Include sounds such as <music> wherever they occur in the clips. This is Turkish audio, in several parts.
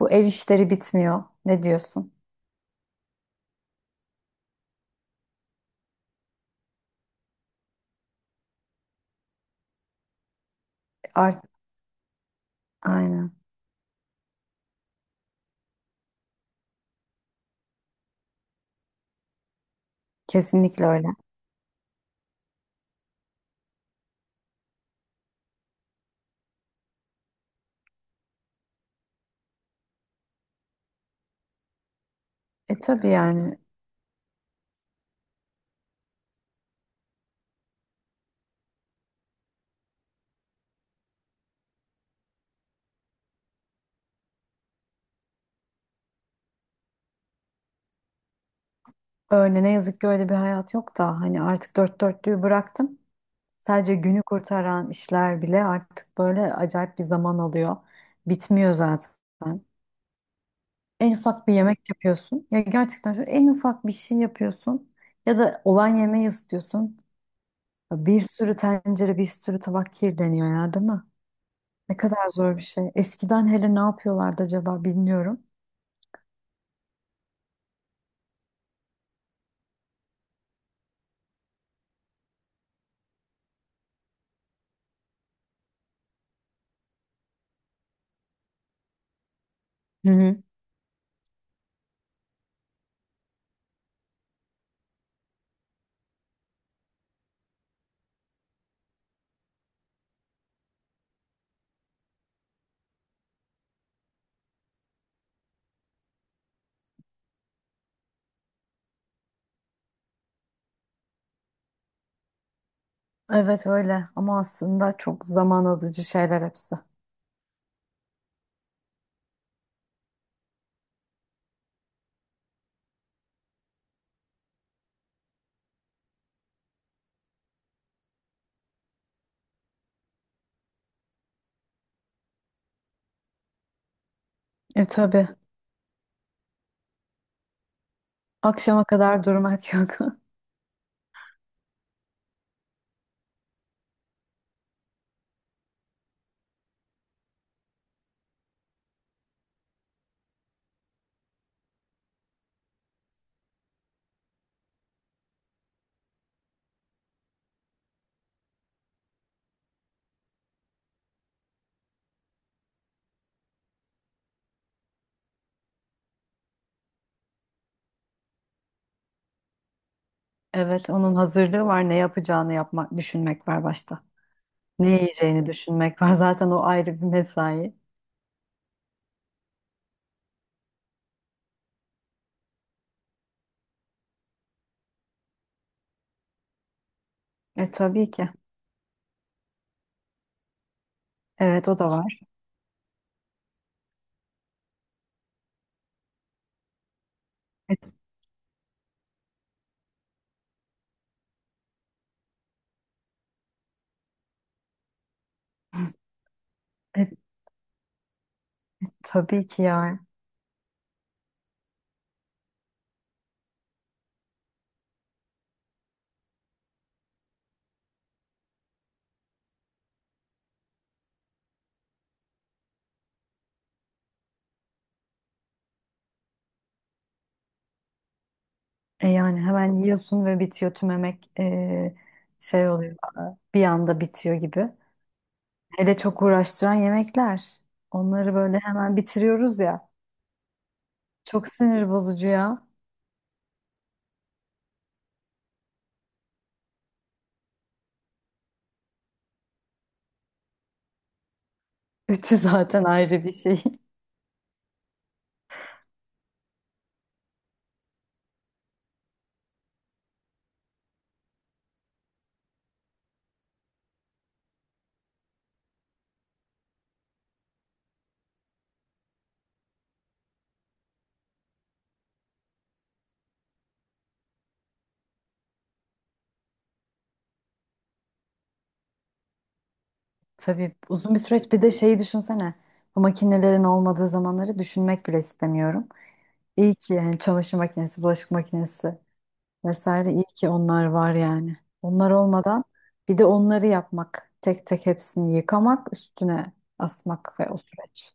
Bu ev işleri bitmiyor. Ne diyorsun? Art aynen. Kesinlikle öyle. E tabii yani öyle ne yazık ki öyle bir hayat yok da hani artık dört dörtlüğü bıraktım. Sadece günü kurtaran işler bile artık böyle acayip bir zaman alıyor. Bitmiyor zaten. En ufak bir yemek yapıyorsun. Ya gerçekten şu en ufak bir şey yapıyorsun. Ya da olan yemeği ısıtıyorsun. Bir sürü tencere, bir sürü tabak kirleniyor ya, değil mi? Ne kadar zor bir şey. Eskiden hele ne yapıyorlardı acaba bilmiyorum. Hı hı. Evet öyle, ama aslında çok zaman alıcı şeyler hepsi. E tabii. Akşama kadar durmak yok. <laughs> Evet, onun hazırlığı var. Ne yapacağını yapmak, düşünmek var başta. Ne yiyeceğini düşünmek var. Zaten o ayrı bir mesai. E tabii ki. Evet o da var. E, e, tabii ki ya. E yani hemen yiyorsun ve bitiyor tümemek şey oluyor. Bir anda bitiyor gibi. Hele çok uğraştıran yemekler. Onları böyle hemen bitiriyoruz ya. Çok sinir bozucu ya. Ütü <laughs> zaten ayrı bir şey. <laughs> Tabii uzun bir süreç. Bir de şeyi düşünsene. Bu makinelerin olmadığı zamanları düşünmek bile istemiyorum. İyi ki yani çamaşır makinesi, bulaşık makinesi vesaire, iyi ki onlar var yani. Onlar olmadan bir de onları yapmak, tek tek hepsini yıkamak, üstüne asmak ve o süreç.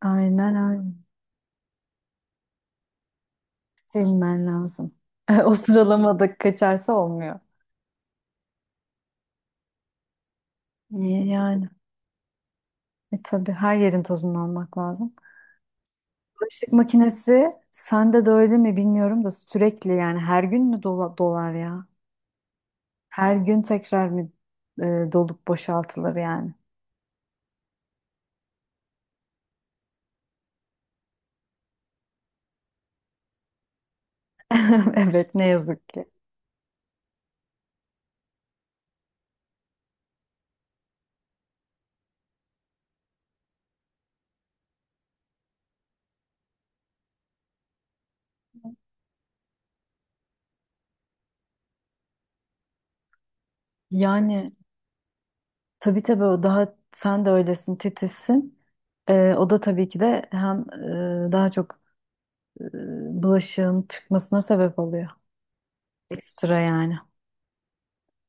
Aynen öyle. Silmen lazım. <laughs> O sıralamada kaçarsa olmuyor. İyi yani. E tabii her yerin tozunu almak lazım. Bulaşık makinesi sende de öyle mi bilmiyorum da sürekli yani her gün mü dolar ya? Her gün tekrar mı e, dolup boşaltılır yani? <laughs> Evet ne yazık ki. Yani tabii o daha, sen de öylesin, titizsin. E, o da tabii ki de hem daha çok e, bulaşığın çıkmasına sebep oluyor. Ekstra yani.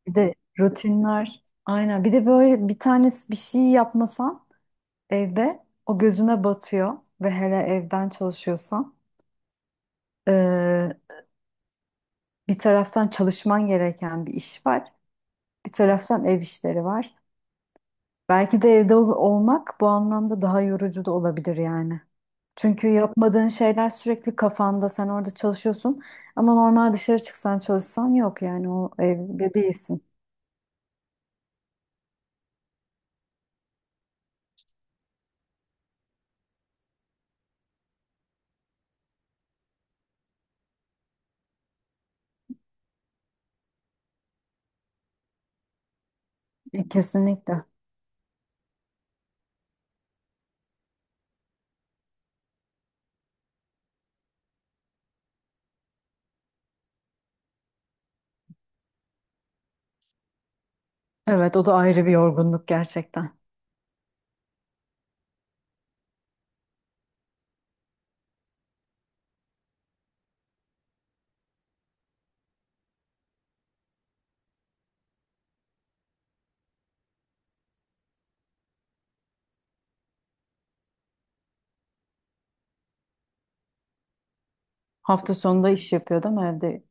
Bir de rutinler, aynen, bir de böyle bir tanesi bir şey yapmasan, evde o gözüne batıyor ve hele evden çalışıyorsan, eee, bir taraftan çalışman gereken bir iş var, bir taraftan ev işleri var. Belki de evde olmak bu anlamda daha yorucu da olabilir yani. Çünkü yapmadığın şeyler sürekli kafanda, sen orada çalışıyorsun, ama normal dışarı çıksan çalışsan yok, yani o evde değilsin. E, kesinlikle. Evet, o da ayrı bir yorgunluk gerçekten. Hafta sonunda iş yapıyor, değil mi evde?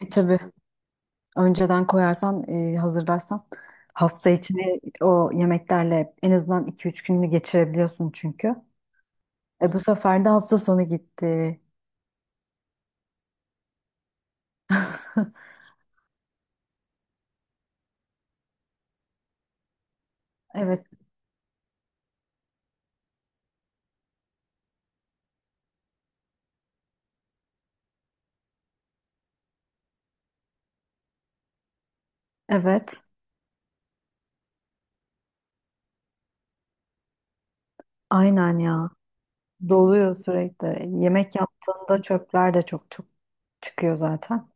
E, tabii. Önceden koyarsan, hazırlarsan, hafta içini o yemeklerle en azından iki üç gününü geçirebiliyorsun çünkü. E bu sefer de hafta sonu gitti. <laughs> Evet, evet. Aynen ya. Doluyor sürekli. Yemek yaptığında çöpler de çok çok çıkıyor zaten.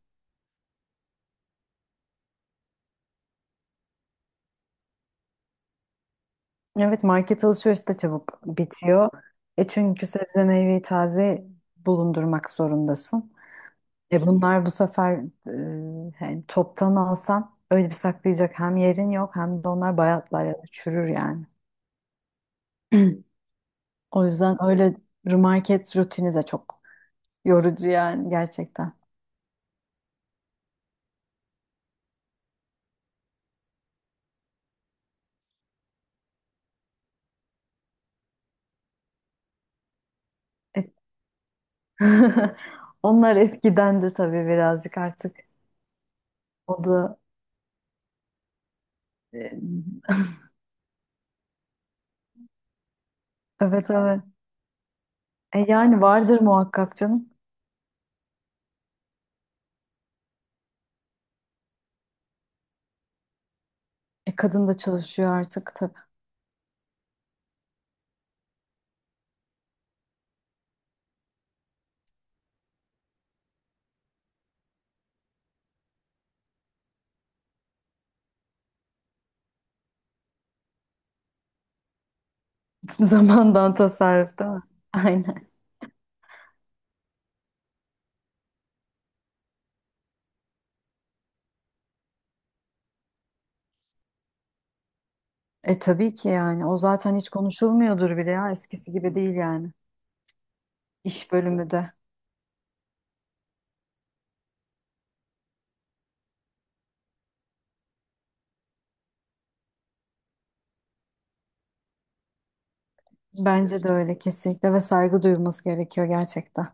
Evet, market alışverişi de çabuk bitiyor. E çünkü sebze meyveyi taze bulundurmak zorundasın. E bunlar bu sefer, hani toptan alsan öyle bir saklayacak hem yerin yok, hem de onlar bayatlar ya da çürür yani. O yüzden öyle, market rutini de çok yorucu yani gerçekten. E, <laughs> onlar eskidendi tabii, birazcık artık. O da e, evet evet. E yani vardır muhakkak canım. E kadın da çalışıyor artık tabii. <laughs> Zamandan tasarruf, değil mi? <laughs> Aynen. E tabii ki yani. O zaten hiç konuşulmuyordur bile ya. Eskisi gibi değil yani. İş bölümü de. Bence de öyle kesinlikle, ve saygı duyulması gerekiyor gerçekten.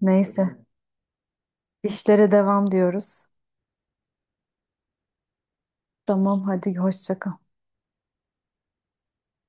Neyse. İşlere devam diyoruz. Tamam, hadi hoşça kal.